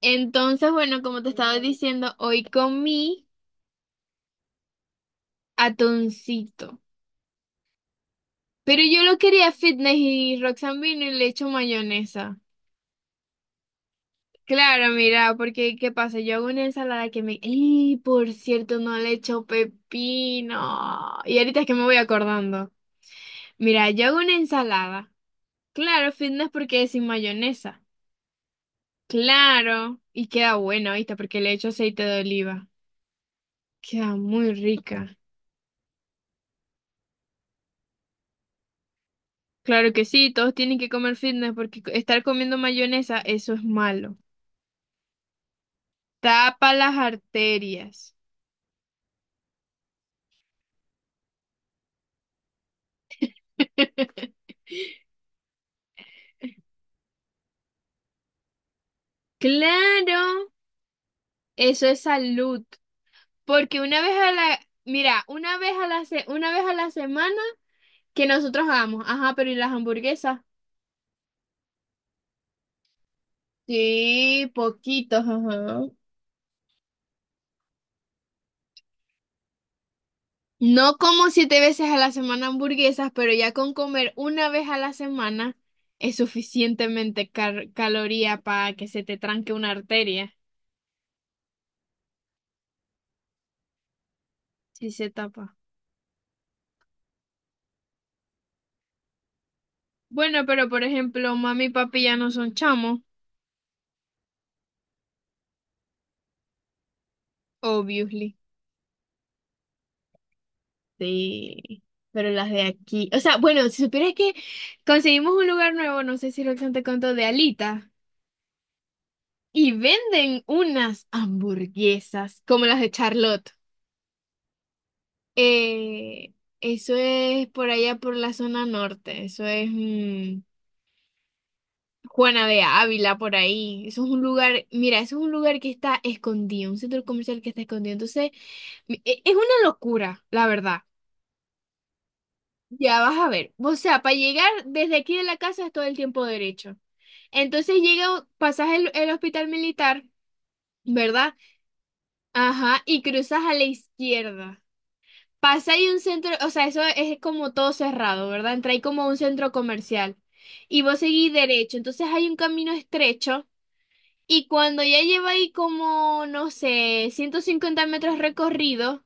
Entonces, bueno, como te estaba diciendo, hoy comí atuncito. Pero yo lo quería fitness y Roxanne vino y le echo mayonesa. Claro, mira, porque ¿qué pasa? Yo hago una ensalada que me... ¡Y por cierto, no le echo pepino! Y ahorita es que me voy acordando. Mira, yo hago una ensalada. Claro, fitness porque es sin mayonesa. Claro. Y queda bueno, ¿viste? Porque le echo aceite de oliva. Queda muy rica. Claro que sí, todos tienen que comer fitness porque estar comiendo mayonesa, eso es malo. Tapa las arterias. Claro, eso es salud. Porque una vez a la, mira, una vez a la, una vez a la semana que nosotros hagamos, ajá, pero ¿y las hamburguesas? Sí, poquitos, ajá. No como 7 veces a la semana hamburguesas, pero ya con comer una vez a la semana es suficientemente caloría para que se te tranque una arteria. Sí se tapa. Bueno, pero por ejemplo, mami y papi ya no son chamos, obviously. Sí, pero las de aquí. O sea, bueno, si supieras que conseguimos un lugar nuevo, no sé si lo te contó, de Alita, y venden unas hamburguesas como las de Charlotte. Eh, eso es por allá por la zona norte, eso es Juana de Ávila por ahí. Eso es un lugar, mira, eso es un lugar que está escondido, un centro comercial que está escondido. Entonces es una locura, la verdad. Ya vas a ver. O sea, para llegar desde aquí de la casa es todo el tiempo derecho. Entonces llega, pasas el hospital militar, ¿verdad? Ajá, y cruzas a la izquierda. Pasa ahí un centro, o sea, eso es como todo cerrado, ¿verdad? Entra ahí como a un centro comercial. Y vos seguís derecho. Entonces hay un camino estrecho. Y cuando ya lleva ahí como, no sé, 150 metros recorridos,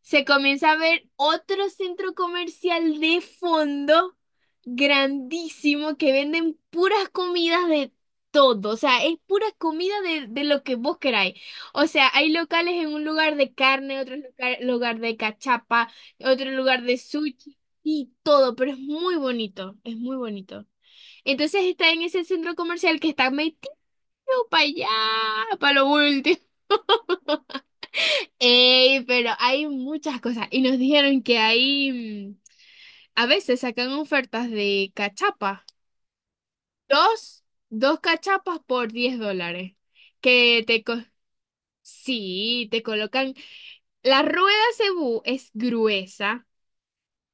se comienza a ver otro centro comercial de fondo grandísimo que venden puras comidas de todo, o sea, es pura comida de lo que vos queráis. O sea, hay locales en un lugar de carne, otro lugar, lugar de cachapa, otro lugar de sushi y todo, pero es muy bonito, es muy bonito. Entonces está en ese centro comercial que está metido para allá, para lo último. Ey, pero hay muchas cosas. Y nos dijeron que hay, a veces sacan ofertas de cachapa. Dos, dos cachapas por $10. Que te, sí, te colocan. La rueda cebú es gruesa.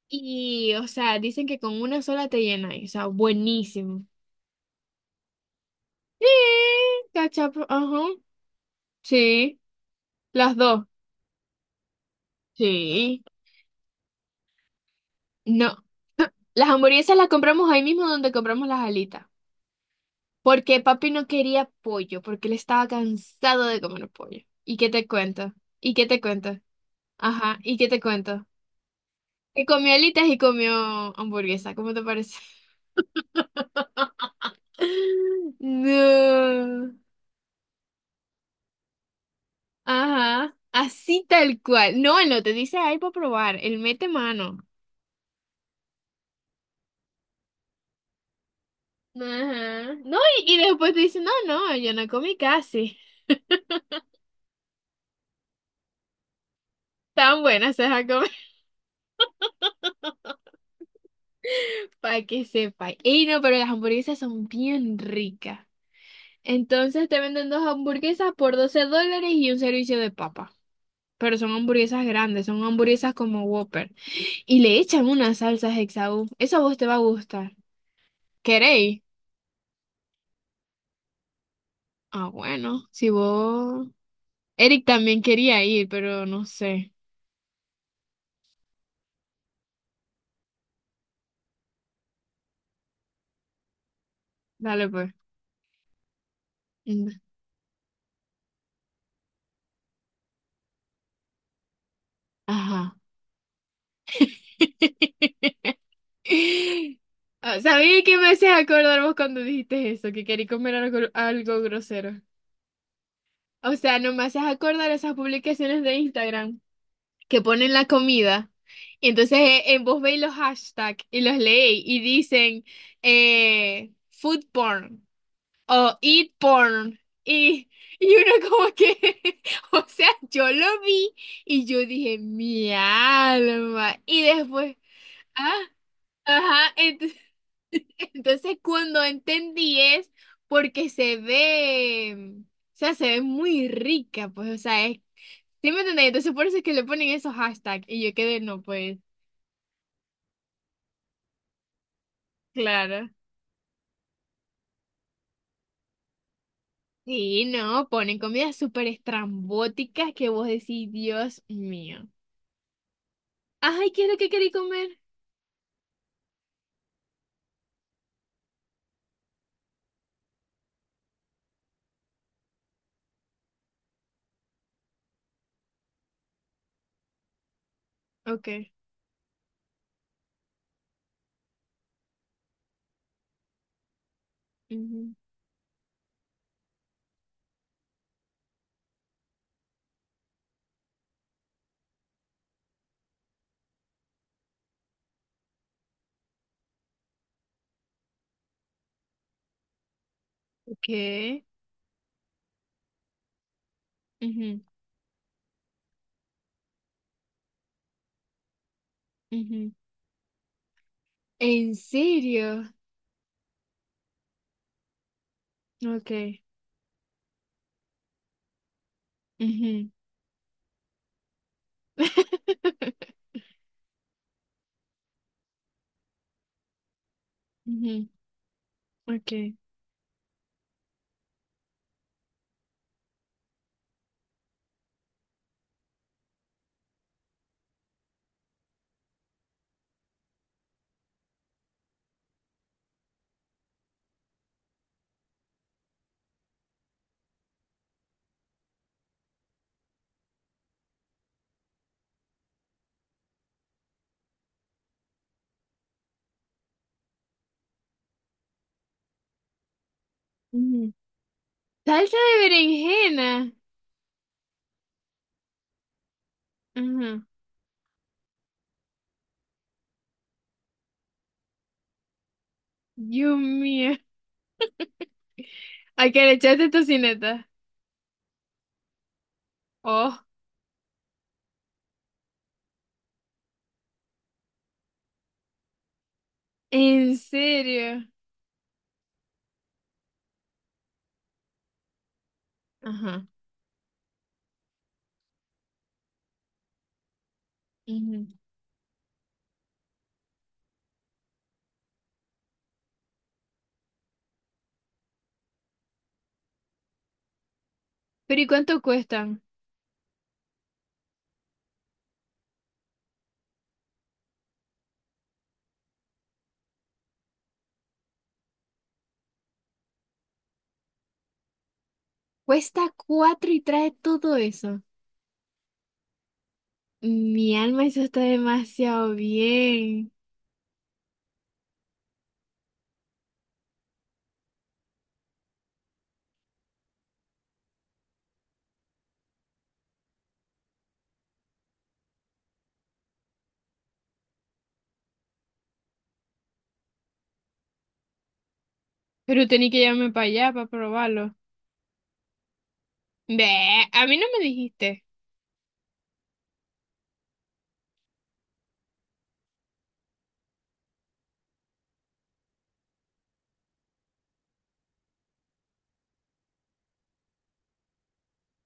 Y, o sea, dicen que con una sola te llena. Y, o sea, buenísimo. Sí, cachapa, ajá. Sí, las dos. Sí. No. Las hamburguesas las compramos ahí mismo donde compramos las alitas. Porque papi no quería pollo, porque él estaba cansado de comer pollo. ¿Y qué te cuento? ¿Y qué te cuento? Ajá, ¿y qué te cuento? Que comió alitas y comió hamburguesa, ¿cómo te parece? No. Ajá, así tal cual. No, él no te dice, ay, para probar, él mete mano. Ajá. No, y después te dice, no, no, yo no comí casi. Tan buenas se van a comer. Para que sepa. Y no, pero las hamburguesas son bien ricas. Entonces te venden dos hamburguesas por $12 y un servicio de papa. Pero son hamburguesas grandes, son hamburguesas como Whopper. Y le echan una salsa Hexaú. Eso a vos te va a gustar. ¿Queréis? Ah, bueno, si vos... Eric también quería ir, pero no sé. Dale pues. Mm. Ajá. Ah, ¿sabéis que me haces acordar vos cuando dijiste eso? Que quería comer algo, algo grosero. O sea, no me haces acordar esas publicaciones de Instagram que ponen la comida. Y entonces vos veis los hashtags y los leéis y dicen food porn o eat porn. Y, y uno como que, o sea, yo lo vi y yo dije, mi alma. Y después, ah, ajá, entonces, entonces cuando entendí, es porque se ve, o sea, se ve muy rica, pues, o sea, es... ¿Sí me entendéis? Entonces por eso es que le ponen esos hashtags y yo quedé, no, pues. Claro. Sí, no, ponen comidas súper estrambóticas que vos decís, Dios mío. Ay, ¿qué es lo que queréis comer? Ok. Ujú. ¿Qué? Ujú, ujú. ¿En serio? Ok. Ujú. Ujú. Ok. Ujú. Salsa de berenjena. Ajá. Dios mío. ¿A que le echaste tocineta? Oh, ¿en serio? Ajá. Ujú. Pero ¿y cuánto cuestan? Cuesta cuatro y trae todo eso. Mi alma, eso está demasiado bien. Pero tenía que llevarme para allá para probarlo. Ve, a mí no me dijiste.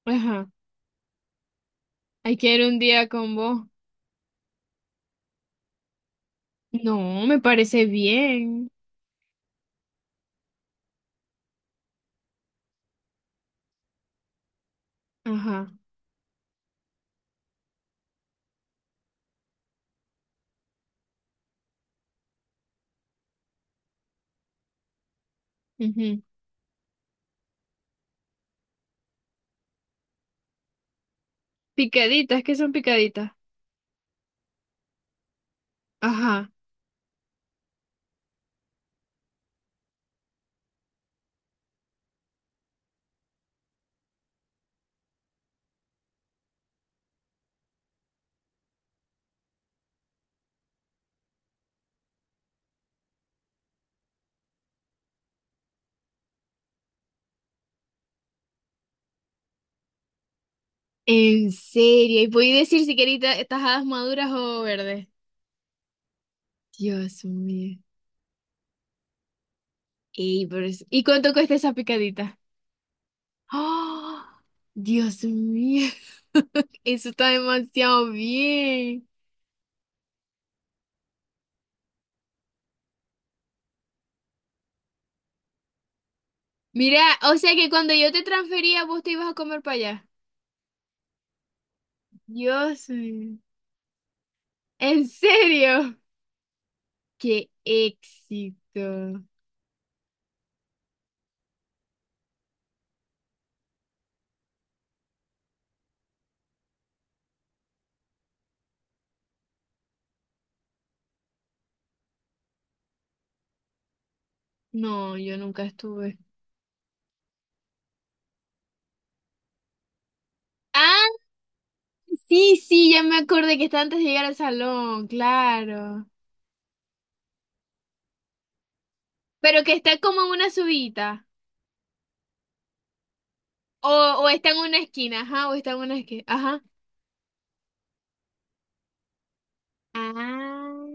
Ajá. Hay que ir un día con vos. No, me parece bien. Ajá. Ujú. Picaditas, ¿qué son picaditas? Ajá. En serio, y podéis decir si queréis tajadas maduras o verdes. Dios mío. Ey, pero ¿y cuánto cuesta esa picadita? ¡Ah! Dios mío, eso está demasiado bien. Mira, o sea que cuando yo te transfería, vos te ibas a comer para allá. Dios mío, ¿en serio? ¡Qué éxito! No, yo nunca estuve. Ah, sí, sí, ya me acordé que está antes de llegar al salón, claro. Pero que está como en una subida. O, o está en una esquina, ajá, o está en una esquina, ajá. Ah,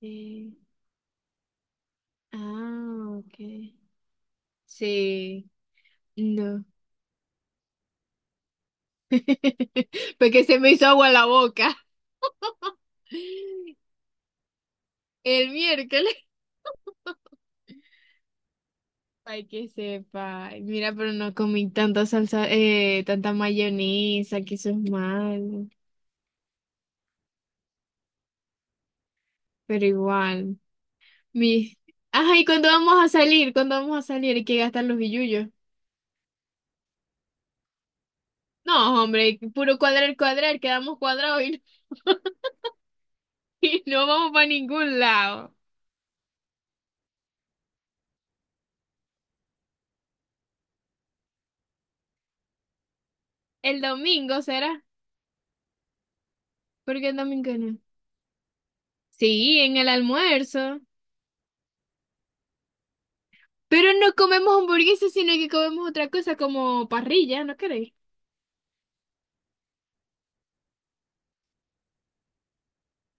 sí. Ah, ok. Sí, no. Porque se me hizo agua la boca. El miércoles. Ay, que sepa. Ay, mira, pero no comí tanta salsa, tanta mayonesa, que eso es malo. Pero igual. Mi... Ajá, ¿y cuándo vamos a salir? ¿Cuándo vamos a salir? Hay que gastar los billullos. No, hombre, puro cuadrar, cuadrar, quedamos cuadrados y no, y no vamos para ningún lado. El domingo será. ¿Por qué el domingo no? Sí, en el almuerzo. Pero no comemos hamburguesas, sino que comemos otra cosa como parrilla, ¿no queréis?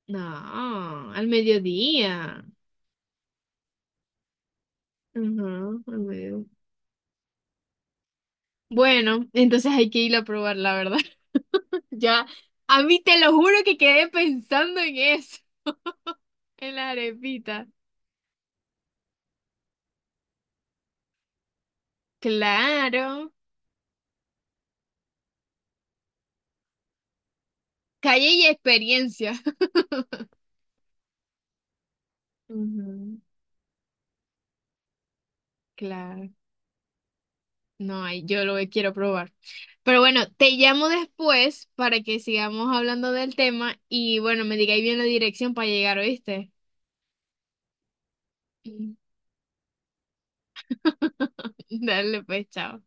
No, al mediodía. Ajá, al mediodía. Bueno, entonces hay que ir a probar, la verdad. Ya, a mí te lo juro que quedé pensando en eso, en la arepita. Claro, calle y experiencia. Ujú, claro. No hay, yo lo quiero probar. Pero bueno, te llamo después para que sigamos hablando del tema y bueno, me digáis bien la dirección para llegar, ¿oíste? Dale, pues, chao.